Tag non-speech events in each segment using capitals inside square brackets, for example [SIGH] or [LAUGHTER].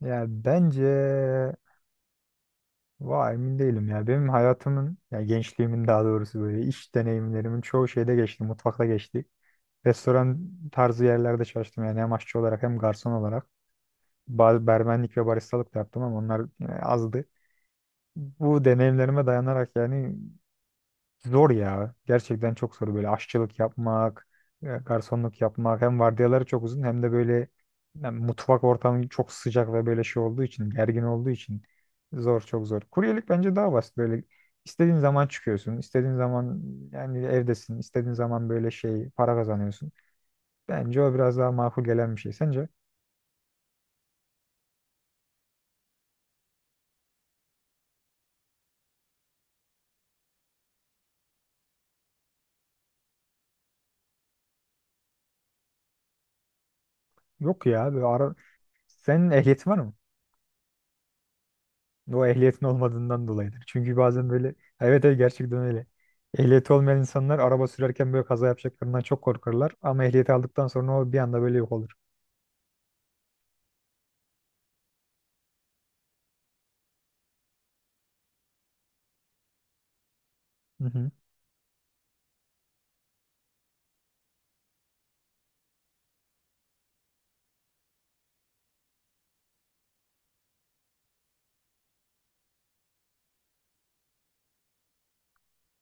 Ya bence vay emin değilim ya. Benim hayatımın ya gençliğimin daha doğrusu böyle iş deneyimlerimin çoğu şeyde geçti. Mutfakta geçti. Restoran tarzı yerlerde çalıştım yani hem aşçı olarak hem garson olarak. Barmenlik ve baristalık da yaptım ama onlar yani azdı. Bu deneyimlerime dayanarak yani zor ya. Gerçekten çok zor. Böyle aşçılık yapmak, garsonluk yapmak. Hem vardiyaları çok uzun hem de böyle yani mutfak ortamı çok sıcak ve böyle şey olduğu için, gergin olduğu için zor, çok zor. Kuryelik bence daha basit. Böyle istediğin zaman çıkıyorsun, istediğin zaman yani evdesin, istediğin zaman böyle şey para kazanıyorsun. Bence o biraz daha makul gelen bir şey. Sence? Yok ya. Senin ehliyetin var mı? O ehliyetin olmadığından dolayıdır. Çünkü bazen böyle evet evet gerçekten öyle. Ehliyeti olmayan insanlar araba sürerken böyle kaza yapacaklarından çok korkarlar. Ama ehliyeti aldıktan sonra o bir anda böyle yok olur. Hı hı.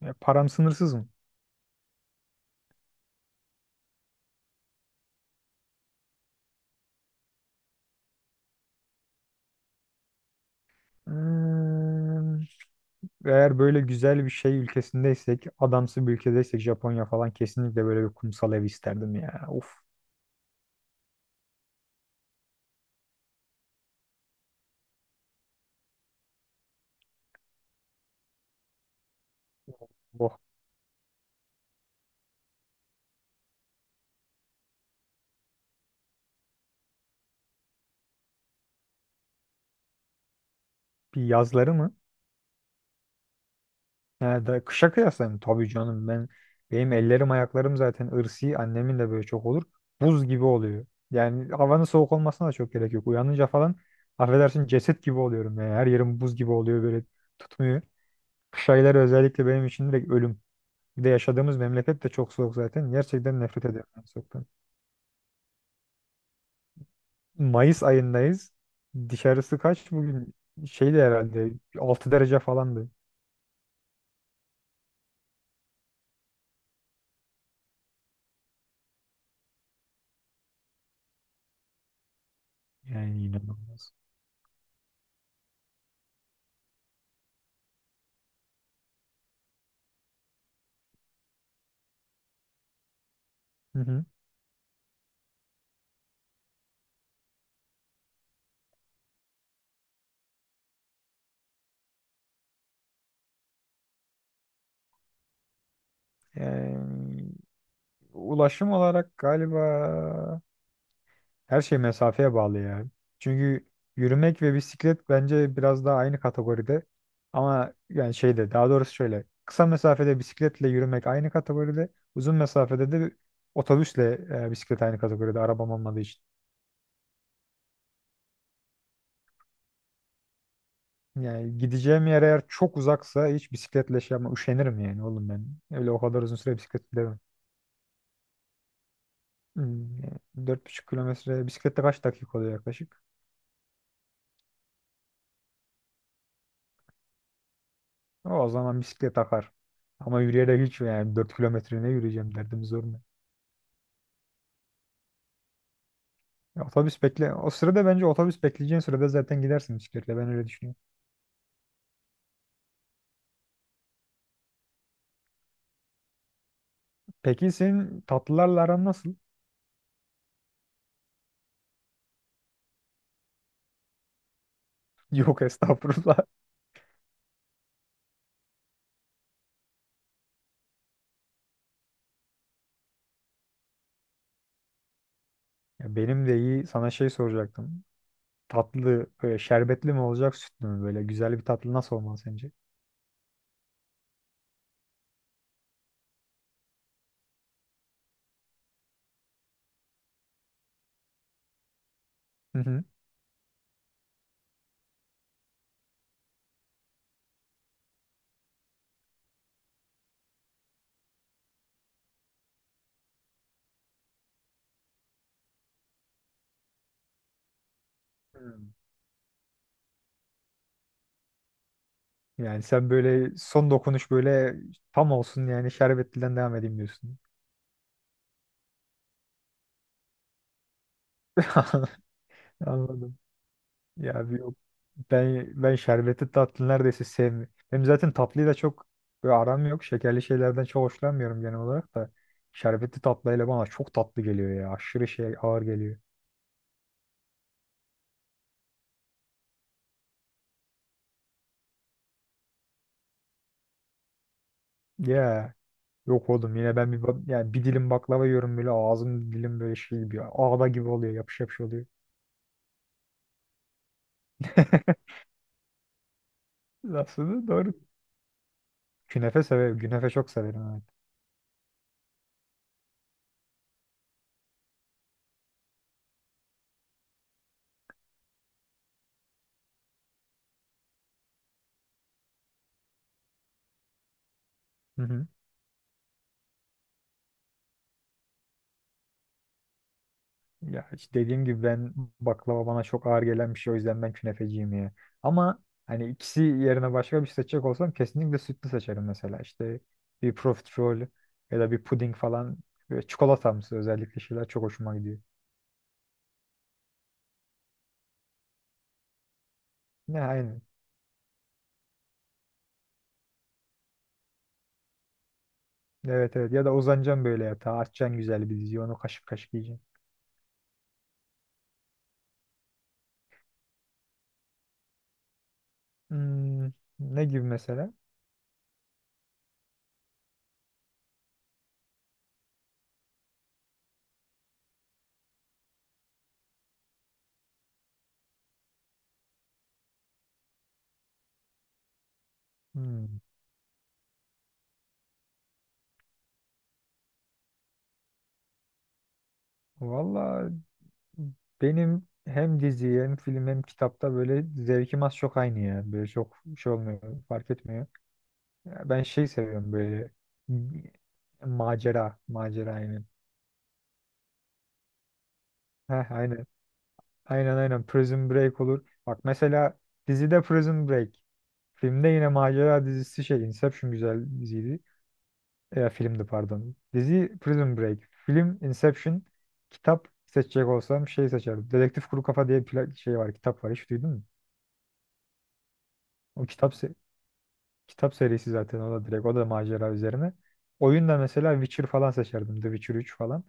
Ya, param sınırsız mı? Hmm, Eğer böyle güzel bir şey ülkesindeysek, adamsı bir ülkedeysek Japonya falan kesinlikle böyle bir kumsal ev isterdim ya. Of, oh. Bir yazları mı? Yani da kışa kıyaslayayım tabii canım ben benim ellerim ayaklarım zaten ırsi annemin de böyle çok olur. Buz gibi oluyor. Yani havanın soğuk olmasına da çok gerek yok. Uyanınca falan affedersin ceset gibi oluyorum yani. Her yerim buz gibi oluyor böyle tutmuyor. Kış ayları özellikle benim için direkt ölüm. Bir de yaşadığımız memleket de çok soğuk zaten. Gerçekten nefret ediyorum ben soğuktan. Mayıs ayındayız. Dışarısı kaç bugün? Şeydi herhalde 6 derece falandı. Yani inanılmaz. Hı hı. Yani ulaşım olarak galiba her şey mesafeye bağlı ya. Çünkü yürümek ve bisiklet bence biraz daha aynı kategoride. Ama yani şeyde daha doğrusu şöyle. Kısa mesafede bisikletle yürümek aynı kategoride. Uzun mesafede de otobüsle bisiklet aynı kategoride arabam olmadığı için. Yani gideceğim yer eğer çok uzaksa hiç bisikletle şey yapma üşenirim yani oğlum ben. Öyle o kadar uzun süre bisiklet gidemem. Yani 4,5 kilometre bisikletle kaç dakika oluyor yaklaşık? O zaman bisiklet akar. Ama yürüyerek hiç yani 4 kilometre ne yürüyeceğim derdim zor mu? Ya otobüs bekle. O sırada bence otobüs bekleyeceğin sırada zaten gidersin bisikletle. Ben öyle düşünüyorum. Peki senin tatlılarla aran nasıl? [LAUGHS] Yok estağfurullah. Ya benim de iyi. Sana şey soracaktım. Tatlı böyle şerbetli mi olacak sütlü mü böyle? Güzel bir tatlı nasıl olmalı sence? Hı hı. Hmm. Yani sen böyle son dokunuş böyle tam olsun yani şerbetliden devam edeyim diyorsun. [LAUGHS] Anladım. Ya abi yok. Ben şerbetli tatlı neredeyse sevmiyorum. Hem zaten tatlıyı da çok böyle aram yok. Şekerli şeylerden çok hoşlanmıyorum genel olarak da. Şerbetli tatlıyla bana çok tatlı geliyor ya. Aşırı şey ağır geliyor. Ya yok oğlum yine ben bir yani bir dilim baklava yiyorum böyle ağzım dilim böyle şey gibi ağda gibi oluyor yapış yapış oluyor. [LAUGHS] Aslında doğru. Künefe severim. Künefe çok severim evet. Hı hı. Ya işte dediğim gibi ben baklava bana çok ağır gelen bir şey o yüzden ben künefeciyim ya. Ama hani ikisi yerine başka bir şey seçecek olsam kesinlikle sütlü seçerim mesela. İşte bir profiterol ya da bir puding falan ve çikolatamsı özellikle şeyler çok hoşuma gidiyor. Ne aynen. Evet evet ya da uzanacaksın böyle yatağa açacaksın güzel bir dizi onu kaşık kaşık yiyeceksin. Hmm, ne gibi mesela? Hmm. Vallahi benim hem dizi hem film hem kitapta böyle zevkim az çok aynı ya. Böyle çok şey olmuyor, fark etmiyor. Ya ben şey seviyorum böyle macera, macera aynen. Heh, aynen. Aynen aynen Prison Break olur. Bak mesela dizide Prison Break. Filmde yine macera dizisi şey Inception güzel diziydi. Ya filmdi pardon. Dizi Prison Break. Film Inception. Kitap seçecek olsam şey seçerim. Dedektif Kuru Kafa diye bir şey var, kitap var. Hiç duydun mu? O kitap se- Kitap serisi zaten o da direkt o da macera üzerine. Oyunda mesela Witcher falan seçerdim. The Witcher 3 falan.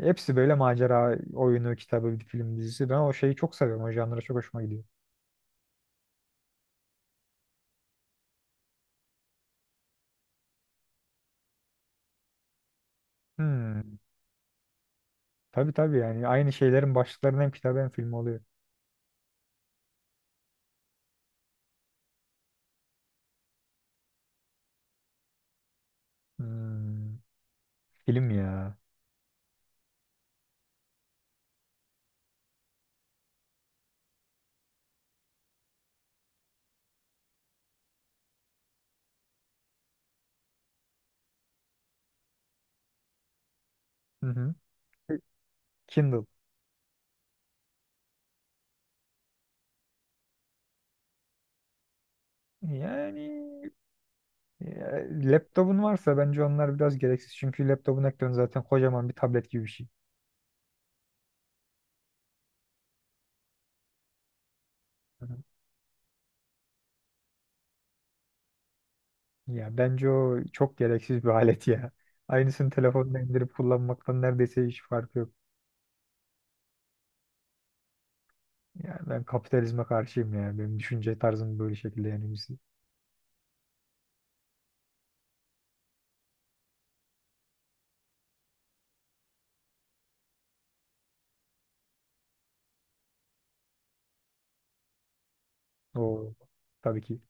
Hepsi böyle macera oyunu, kitabı, film dizisi. Ben o şeyi çok seviyorum. O janra çok hoşuma gidiyor. Hmm. Tabii tabii yani aynı şeylerin başlıklarının hem kitabı hem filmi oluyor. Hmm. Film ya. Hı hı. Kindle. Yani ya, laptopun varsa bence onlar biraz gereksiz. Çünkü laptopun ekranı zaten kocaman bir tablet gibi bir şey. Ya bence o çok gereksiz bir alet ya. Aynısını telefonla indirip kullanmaktan neredeyse hiç farkı yok. Yani ben kapitalizme karşıyım ya. Benim düşünce tarzım böyle şekilde yani biz o tabii ki